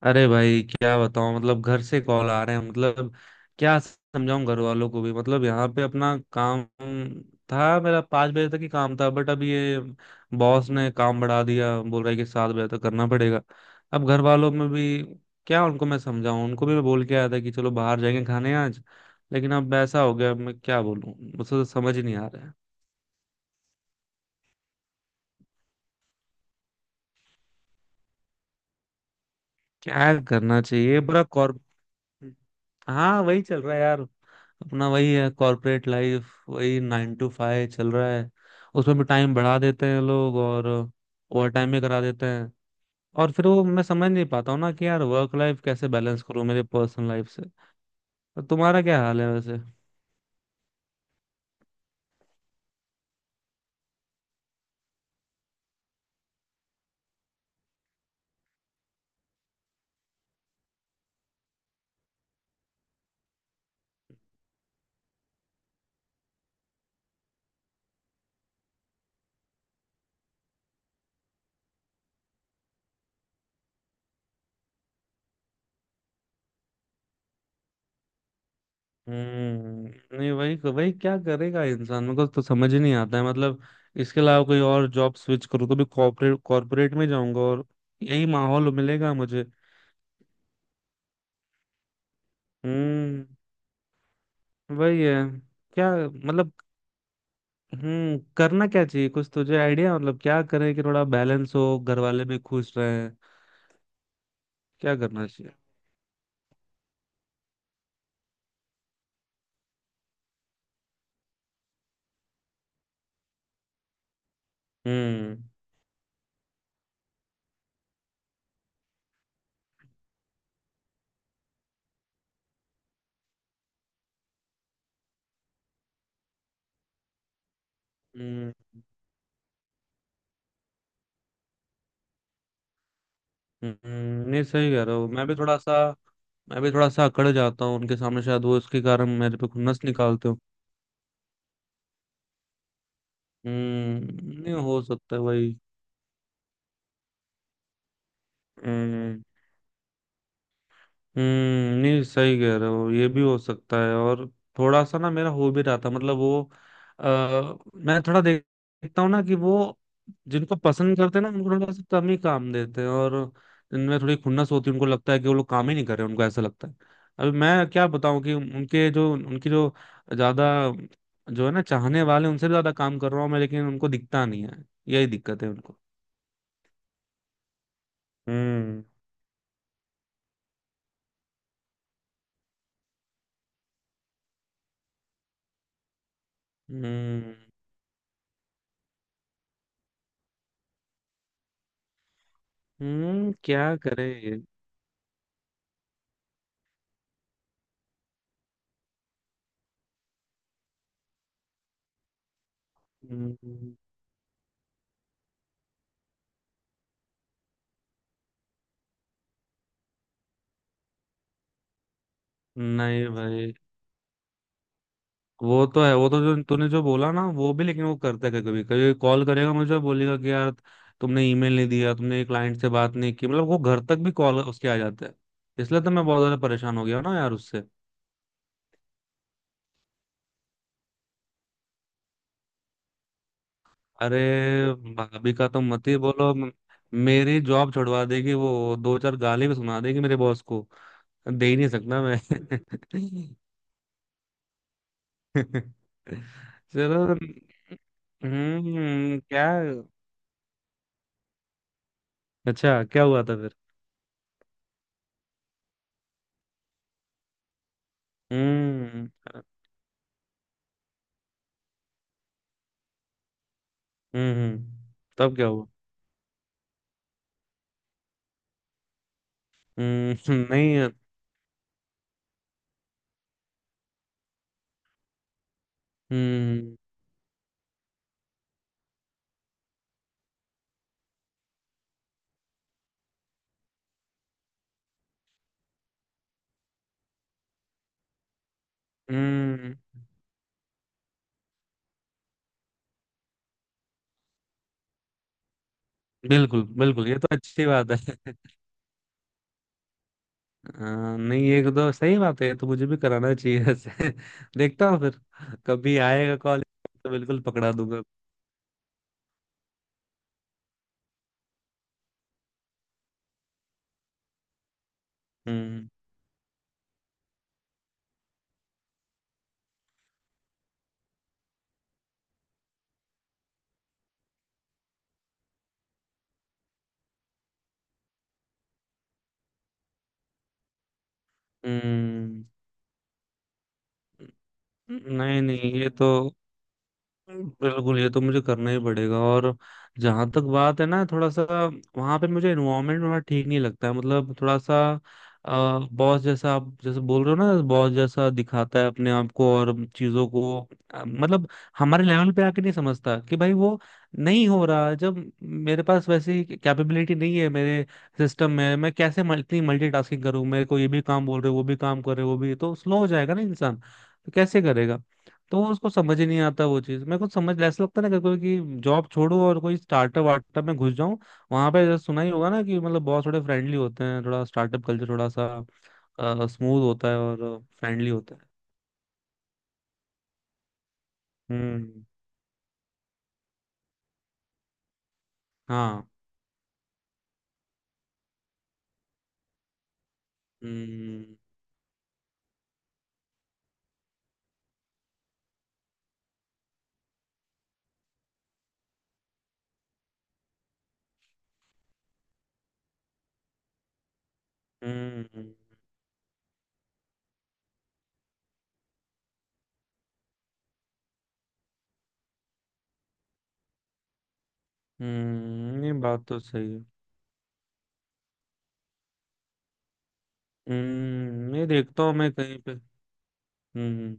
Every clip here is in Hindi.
अरे भाई क्या बताऊं मतलब घर से कॉल आ रहे हैं। मतलब क्या समझाऊं घर वालों को भी? मतलब यहाँ पे अपना काम था, मेरा 5 बजे तक ही काम था, बट अब ये बॉस ने काम बढ़ा दिया, बोल रहा है कि 7 बजे तक करना पड़ेगा। अब घर वालों में भी क्या उनको मैं समझाऊं? उनको भी मैं बोल के आया था कि चलो बाहर जाएंगे खाने आज। लेकिन अब ऐसा हो गया, अब मैं क्या बोलूं, मुझे तो समझ ही नहीं आ रहा है क्या करना चाहिए पूरा कॉर्प। हाँ, वही चल रहा है यार। अपना वही है, कॉर्पोरेट लाइफ, वही 9 टू 5 चल रहा है। उसमें भी टाइम बढ़ा देते हैं लोग और ओवर टाइम भी करा देते हैं। और फिर वो मैं समझ नहीं पाता हूँ ना कि यार वर्क लाइफ कैसे बैलेंस करूँ मेरे पर्सनल लाइफ से। तो तुम्हारा क्या हाल है वैसे? हम्म। नहीं, वही वही क्या करेगा इंसान, मेरे को तो समझ ही नहीं आता है मतलब। इसके अलावा कोई और जॉब स्विच करूँ तो भी कॉर्पोरेट कॉर्पोरेट में जाऊंगा और यही माहौल मिलेगा मुझे। हम्म। वही है। क्या मतलब। हम्म, करना क्या चाहिए, कुछ तुझे आइडिया? मतलब क्या करें कि थोड़ा बैलेंस हो, घर वाले भी खुश रहें? क्या करना चाहिए? हम्म। हम्म। नहीं सही कह रहा हूँ। मैं भी थोड़ा सा अकड़ जाता हूँ उनके सामने, शायद वो इसके कारण मेरे पे खुन्नस निकालते हो। हम्म। नहीं, हो सकता है भाई। हम्म। हम्म, नहीं सही कह रहे हो, ये भी हो सकता है। और थोड़ा सा ना मेरा हो भी रहा था मतलब वो आ, मैं थोड़ा देखता हूँ ना कि वो जिनको पसंद करते हैं ना उनको थोड़ा सा कम ही काम देते हैं, और इनमें थोड़ी खुन्नस होती है। उनको लगता है कि वो लोग काम ही नहीं कर रहे, उनको ऐसा लगता है। अभी मैं क्या बताऊं कि उनके जो उनकी जो ज्यादा जो है ना चाहने वाले, उनसे भी ज्यादा काम कर रहा हूँ मैं, लेकिन उनको दिखता नहीं है, यही दिक्कत है उनको। हम्म। हम्म। हम्म, क्या करें ये। हम्म। नहीं भाई, वो तो है, वो तो जो तूने जो बोला ना वो भी, लेकिन वो करता है कभी कभी। कभी कॉल करेगा मुझे, बोलेगा कि यार तुमने ईमेल नहीं दिया, तुमने क्लाइंट से बात नहीं की, मतलब वो घर तक भी कॉल उसके आ जाता है। इसलिए तो मैं बहुत ज्यादा परेशान हो गया हूं ना यार उससे। अरे भाभी का तो मत ही बोलो। मेरी जॉब छुड़वा देगी वो, दो चार गाली भी सुना देगी मेरे बॉस को, दे ही नहीं सकता मैं। चलो। हम्म, क्या? अच्छा, क्या हुआ था? हम्म। हम्म। तब क्या हुआ? हम्म। नहीं है। हम्म। हम्म। बिल्कुल बिल्कुल, ये तो अच्छी बात है। हाँ, नहीं ये तो सही बात है, ये तो मुझे भी कराना चाहिए ऐसे। देखता हूँ फिर। कभी आएगा कॉलेज तो बिल्कुल पकड़ा दूंगा। हम्म। हम्म। नहीं नहीं, ये तो बिल्कुल, ये तो मुझे करना ही पड़ेगा। और जहां तक बात है ना, थोड़ा सा वहां पे मुझे एनवायरनमेंट थोड़ा ठीक नहीं लगता है, मतलब थोड़ा सा बॉस जैसा, आप जैसे बोल रहे हो ना, बॉस जैसा दिखाता है अपने आप को और चीजों को। मतलब हमारे लेवल पे आके नहीं समझता कि भाई वो नहीं हो रहा। जब मेरे पास वैसी कैपेबिलिटी नहीं है मेरे सिस्टम में, मैं कैसे इतनी मल्टीटास्किंग करूं? मेरे को ये भी काम बोल रहे हो, वो भी काम कर रहे हो, वो भी तो स्लो हो जाएगा ना इंसान, तो कैसे करेगा? तो उसको समझ ही नहीं आता वो चीज, मेरे को समझ ऐसा लगता है ना कि कोई कि जॉब छोड़ो और कोई स्टार्टअप वार्टअप में घुस जाऊं। वहां पे जैसे सुना ही होगा ना कि मतलब बॉस थोड़े फ्रेंडली होते हैं, थोड़ा स्टार्टअप कल्चर थोड़ा सा स्मूथ होता है और फ्रेंडली होता है। हम्म। हाँ। हम्म। हम्म। हम्म, ये बात तो सही है। हम्म, ये देखता हूँ मैं कहीं पे। हम्म।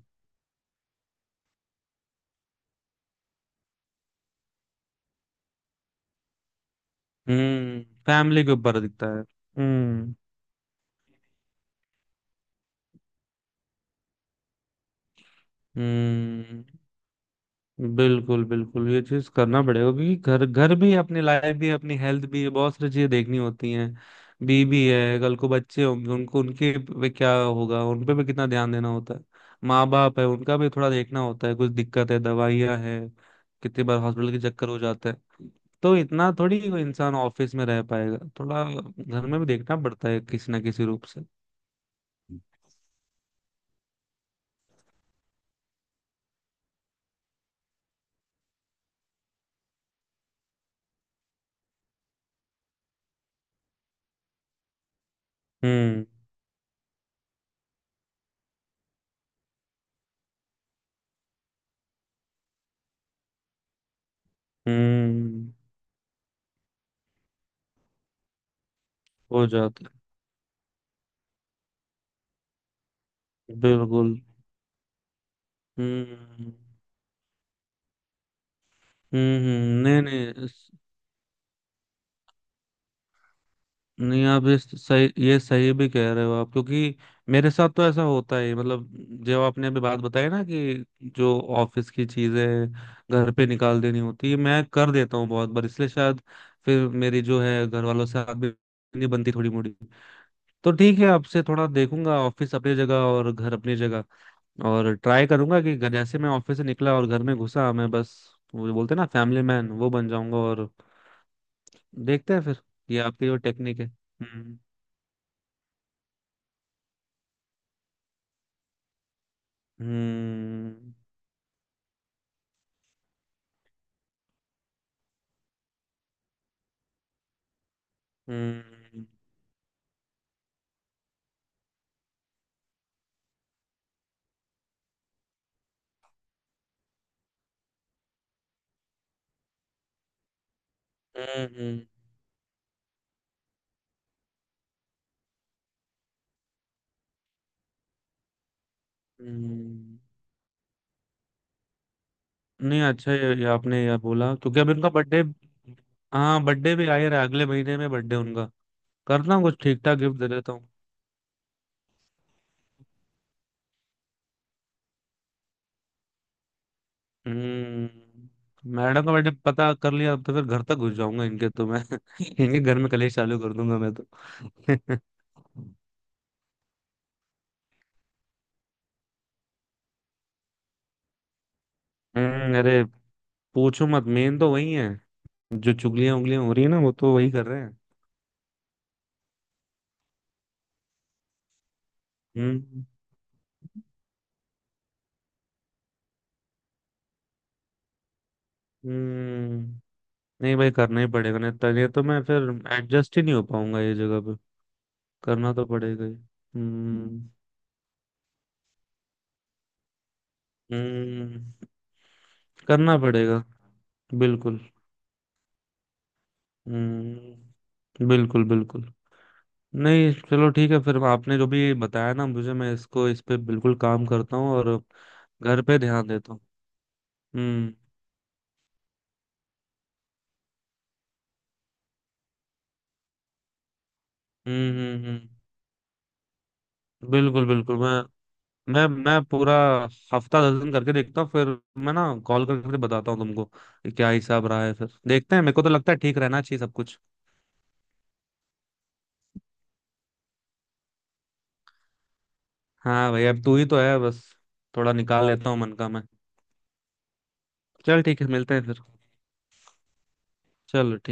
हम्म। फैमिली के ऊपर दिखता है। हम्म। हम्म, बिल्कुल बिल्कुल, ये चीज करना पड़ेगा। क्योंकि घर घर भी है, अपनी लाइफ भी है, अपनी हेल्थ भी है, बहुत सारी चीजें देखनी होती हैं। बीबी है, कल को बच्चे होंगे, उनको उनके पे क्या होगा, उन पे भी कितना ध्यान देना होता है। माँ बाप है, उनका भी थोड़ा देखना होता है, कुछ दिक्कत है, दवाइयाँ है, कितनी बार हॉस्पिटल के चक्कर हो जाते हैं। तो इतना थोड़ी कोई इंसान ऑफिस में रह पाएगा, थोड़ा घर में भी देखना पड़ता है किसी ना किसी रूप से। हम्म। हम्म। हो जाता है। बिल्कुल। हम्म। हम्म। नहीं नहीं। नहीं, आप ये सही, ये सही भी कह रहे हो आप, क्योंकि मेरे साथ तो ऐसा होता है मतलब। जो आपने अभी बात बताई ना कि जो ऑफिस की चीजें घर पे निकाल देनी होती है, मैं कर देता हूँ बहुत बार, इसलिए शायद फिर मेरी जो है घर वालों से आग भी नहीं बनती थोड़ी मोड़ी। तो ठीक है, आपसे थोड़ा देखूंगा, ऑफिस अपनी जगह और घर अपनी जगह। और ट्राई करूंगा कि जैसे मैं ऑफिस से निकला और घर में घुसा, मैं बस वो जो बोलते हैं ना फैमिली मैन वो बन जाऊंगा। और देखते हैं फिर, ये आपकी जो टेक्निक है। हम्म। हम्म। हम्म। हम्म। हम्म। नहीं, अच्छा ये आपने यह बोला क्योंकि अभी उनका बर्थडे? हाँ, बर्थडे भी आ ही रहा है, अगले महीने में बर्थडे उनका। करता हूँ कुछ ठीक ठाक गिफ्ट दे देता हूँ। हम्म, मैडम का बर्थडे पता कर लिया, अब तो फिर घर तक घुस जाऊंगा इनके तो मैं। इनके घर में कलेश चालू कर दूंगा मैं तो। हम्म। अरे पूछो मत, मेन तो वही है। जो चुगलियां उंगलियां हो रही है ना वो तो वही कर रहे हैं। हम्म। हम्म, नहीं भाई, करना ही पड़ेगा, नहीं तो मैं फिर एडजस्ट ही नहीं हो पाऊंगा ये जगह पे, करना तो पड़ेगा ही। हम्म। हम्म, करना पड़ेगा। बिल्कुल। हम्म। बिल्कुल बिल्कुल। नहीं चलो ठीक है फिर, आपने जो भी बताया ना मुझे, मैं इसको, इस पे बिल्कुल काम करता हूँ। और घर पे ध्यान देता हूँ। हम्म। हम्म। हम्म। हम्म। बिल्कुल बिल्कुल। मैं पूरा हफ्ता 10 दिन करके देखता हूँ फिर। मैं ना कॉल करके फिर बताता हूँ तुमको कि क्या हिसाब रहा है, फिर देखते हैं। मेरे को तो लगता है ठीक रहना चाहिए सब कुछ। हाँ भाई, अब तू ही तो है बस। थोड़ा निकाल, हाँ, लेता हूँ मन का मैं। चल ठीक है, मिलते हैं फिर। चलो ठीक